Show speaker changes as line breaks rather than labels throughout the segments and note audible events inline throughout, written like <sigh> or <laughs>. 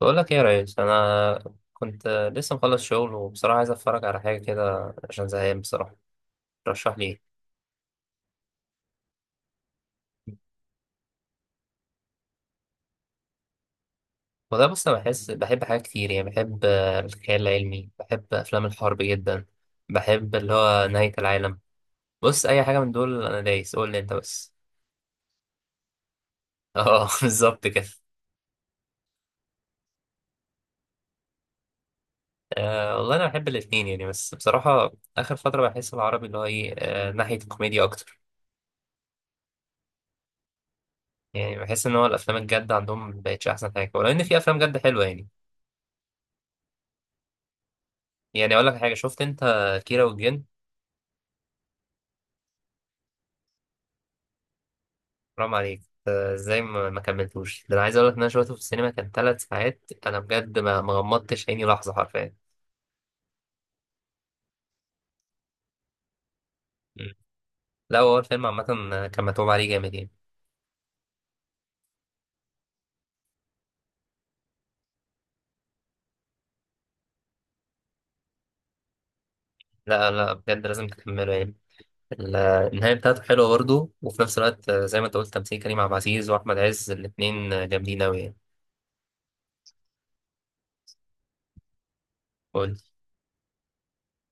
بقول لك ايه يا ريس، انا كنت لسه مخلص شغل وبصراحه عايز اتفرج على حاجه كده عشان زهقان. بصراحه رشح لي ايه؟ وده بص، انا بحس بحب حاجات كتير، يعني بحب الخيال العلمي، بحب افلام الحرب جدا، بحب اللي هو نهايه العالم. بص، اي حاجه من دول انا دايس، قول لي انت بس. اه، <laughs> بالظبط كده. أه والله، انا بحب الاتنين يعني، بس بصراحه اخر فتره بحس العربي اللي هو ايه ناحيه الكوميديا اكتر. يعني بحس ان هو الافلام الجد عندهم مبقتش احسن حاجه، ولو ان في افلام جد حلوه يعني. يعني اقول لك حاجه، شفت انت كيرة والجن؟ حرام عليك. ازاي ما كملتوش؟ ده انا عايز اقول لك ان انا شفته في السينما، كان ثلاث ساعات، انا بجد ما غمضتش عيني لحظه حرفيا. مم. لا هو الفيلم عامه كان متعوب عليه جامد يعني. لا، لا، بجد لازم تكمله يعني. ال- النهايه بتاعته حلوه برضه، وفي نفس الوقت زي ما انت قلت تمثيل كريم عبد العزيز واحمد عز، الاثنين جامدين قوي يعني. قول.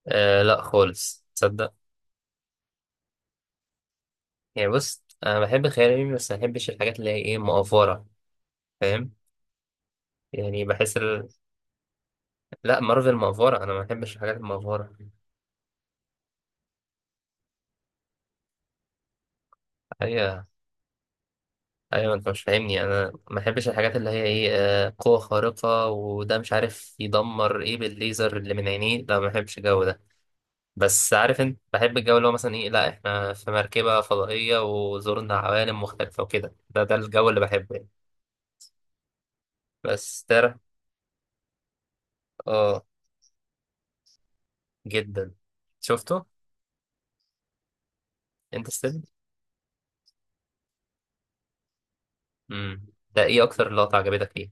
آه، لا خالص، تصدق؟ يعني بص، انا بحب الخيال العلمي، بس ما بحبش الحاجات اللي هي ايه مقفره، فاهم؟ يعني بحس. لا، مارفل مأفورة. أنا ما بحبش الحاجات المأفورة. أيوة، أيوة، أنت مش فاهمني، أنا ما بحبش الحاجات اللي هي إيه. قوة خارقة وده مش عارف يدمر إيه بالليزر اللي من عينيه. لا، ما بحبش الجو ده. بس عارف أنت بحب الجو اللي هو مثلا إيه، لا إحنا في مركبة فضائية وزورنا عوالم مختلفة وكده، ده الجو اللي بحبه يعني. بس ترى. آه، جدا شفته. أنت ستيل؟ امم ده إيه أكتر لقطة عجبتك فيه؟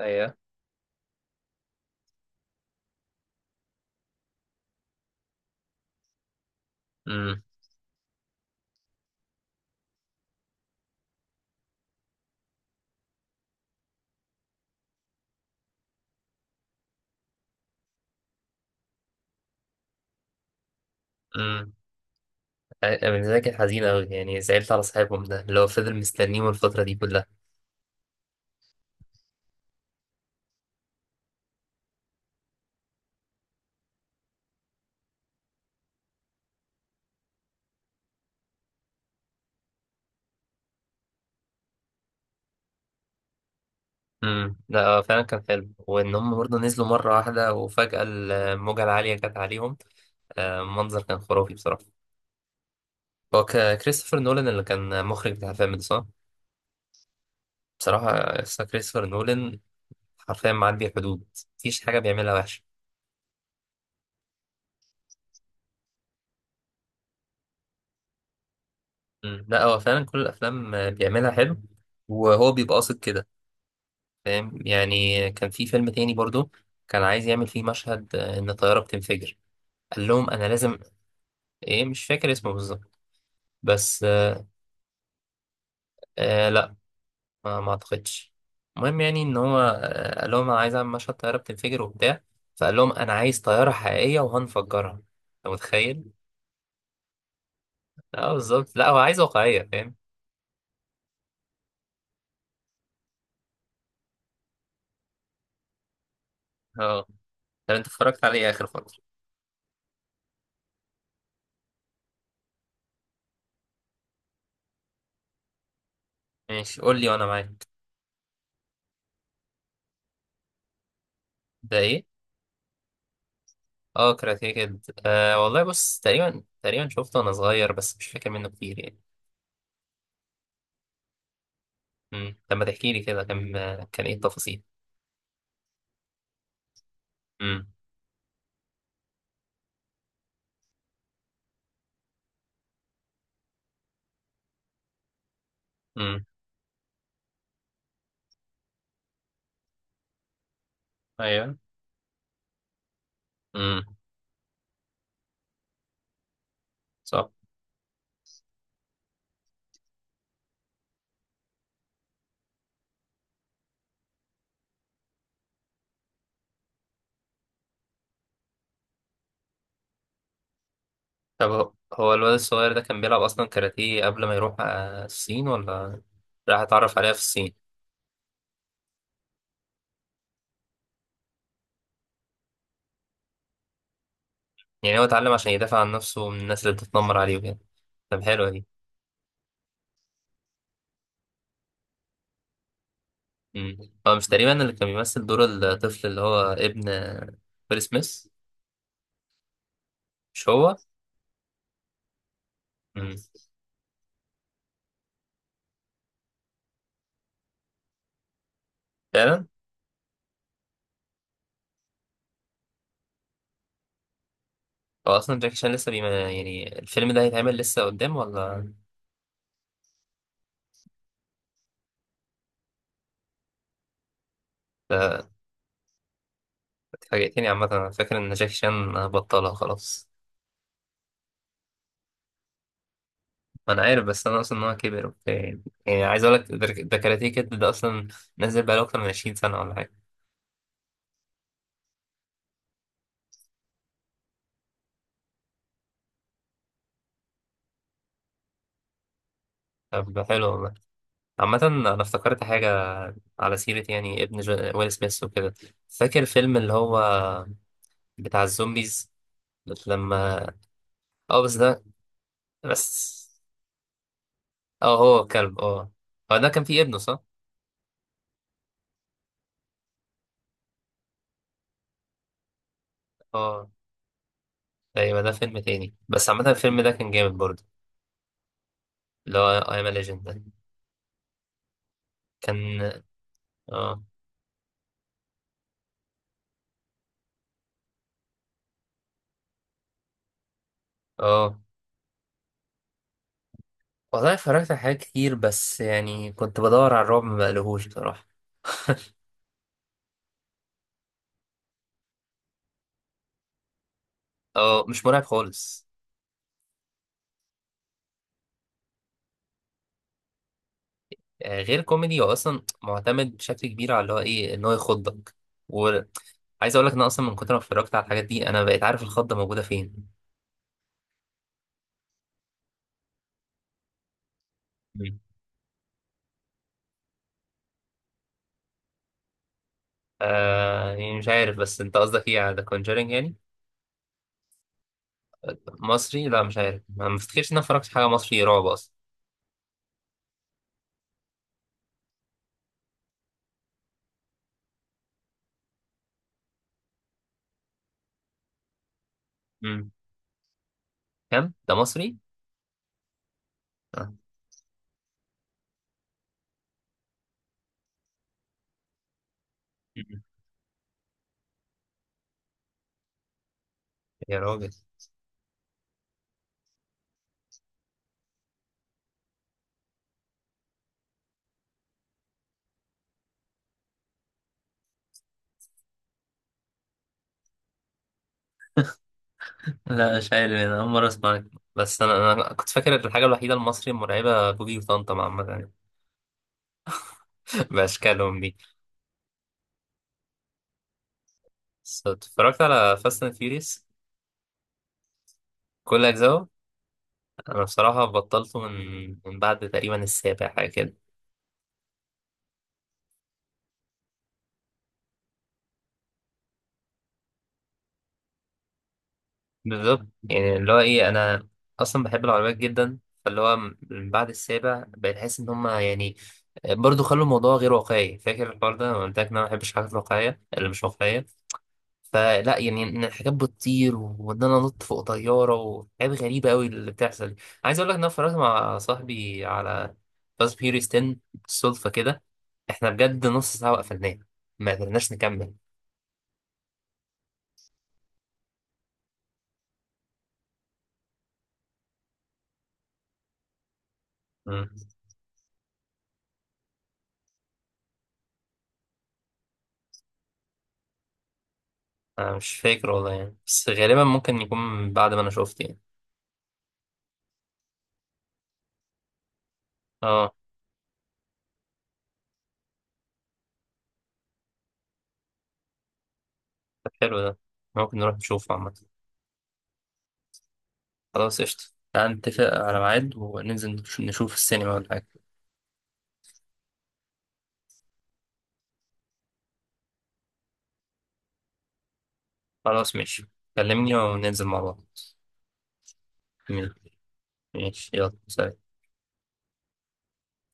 ايوه. امم. أنا بالنسبة لي كانت حزينة أوي، يعني زعلت على صاحبهم ده اللي هو فضل مستنيهم الفترة دي كلها. لا هو فعلا كان حلو، وإن هم برضه نزلوا مرة واحدة وفجأة الموجة العالية جت عليهم. المنظر كان خرافي بصراحة. هو كريستوفر نولان اللي كان مخرج بتاع الفيلم ده، صح؟ بصراحة قصة كريستوفر نولان حرفيا معدي الحدود، مفيش حاجة بيعملها وحشة. لا هو فعلا كل الأفلام بيعملها حلو، وهو بيبقى قاصد كده. فاهم؟ يعني كان في فيلم تاني برضه، كان عايز يعمل فيه مشهد إن الطيارة بتنفجر. قال لهم انا لازم. ايه، مش فاكر اسمه بالظبط، بس. آه، لا ما اعتقدش. المهم يعني ان هو قال لهم انا عايز اعمل مشهد طياره بتنفجر وبتاع. فقال لهم انا عايز طياره حقيقيه وهنفجرها. انت متخيل؟ اه، بالظبط، لا هو عايز واقعيه، فاهم. اه، طب انت اتفرجت عليه اخر فتره؟ ماشي، قول لي وانا معاك. ده ايه؟ اه، كاراتيه كيد، آه والله بص، تقريبا تقريبا شفته وانا صغير، بس مش فاكر منه كتير يعني. طب ما تحكي لي كده، كان ايه التفاصيل؟ امم. امم. ايوه. امم. صح. طب هو الواد الصغير ده كان بيلعب أصلا كاراتيه قبل ما يروح الصين، ولا راح اتعرف عليها في الصين؟ يعني هو اتعلم عشان يدافع عن نفسه من الناس اللي بتتنمر عليه وكده. طب حلوة دي. مم. هو مش تقريبا اللي كان بيمثل دور الطفل اللي هو ابن ويل سميث؟ مش هو؟ مم. فعلا. هو أصلا جاكي شان لسه بيما، يعني الفيلم ده هيتعمل لسه قدام ولا؟ اتفاجئتني عامة، أنا فاكر إن جاكي شان بطلها خلاص. ما انا عارف، بس انا اصلا ان هو كبر وبتاع يعني عايز اقول لك ده. ده كاراتيه كيد ده اصلا نازل بقاله اكتر من 20 سنه ولا حاجه. طب ده حلو والله. عامه انا افتكرت حاجه، على سيره يعني ابن ويل سميث وكده. فاكر فيلم اللي هو بتاع الزومبيز؟ لما، اه بس ده، بس. اه، هو الكلب، اه. هو ده كان فيه ابنه، صح؟ اه ايوه، ده فيلم تاني، بس عامه الفيلم ده كان جامد برضه. اللي هو اي ام ليجند ده، كان. اه. اه والله، اتفرجت على حاجات كتير، بس يعني كنت بدور على الرعب ما بقلهوش بصراحة. اه، مش مرعب خالص. غير كوميدي، هو اصلا معتمد بشكل كبير على اللي هو ايه ان هو يخضك، وعايز اقول لك ان أنا اصلا من كتر ما اتفرجت على الحاجات دي انا بقيت عارف الخضة موجودة فين. مم. آه، يعني مش عارف، بس انت قصدك ايه، على ذا كونجرينج يعني؟ مصري؟ لا مش عارف، ما افتكرش ان انا اتفرجت على حاجة مصري رعب اصلا. مم. كم ده مصري؟ آه. مم. يا راجل. لا، مش عارف، انا اول مره اسمعك، بس انا كنت فاكر الحاجه الوحيده المصري المرعبه بوجي وطنطا عامه يعني. <laughs> باشكالهم دي. بس اتفرجت على فاست اند فيوريوس؟ كل اجزاءه. انا بصراحه بطلته من بعد تقريبا السابع، حاجه كده. بالظبط، يعني اللي هو ايه، انا اصلا بحب العربيات جدا، فاللي هو من بعد السابع بقيت احس ان هم يعني برضه خلوا الموضوع غير واقعي. فاكر الحوار ده، أنا قلت لك ان انا ما بحبش الحاجات الواقعيه اللي مش واقعيه، فلا يعني ان الحاجات بتطير وان انا انط فوق طياره وحاجات غريبه قوي اللي بتحصل دي. عايز اقول لك ان انا اتفرجت مع صاحبي على فاست فيوريوس 10 بالصدفه كده، احنا بجد نص ساعه وقفلناه، ما قدرناش نكمل. مم. انا مش فاكر والله يعني، بس غالبا ممكن يكون بعد ما انا شفت يعني. اه. طب حلو ده، ممكن نروح نشوفه عامه. خلاص، قشطه. تعال نتفق على ميعاد وننزل نشوف السينما ولا حاجه. خلاص ماشي، كلمني وننزل مع بعض. ماشي، يلا سلام.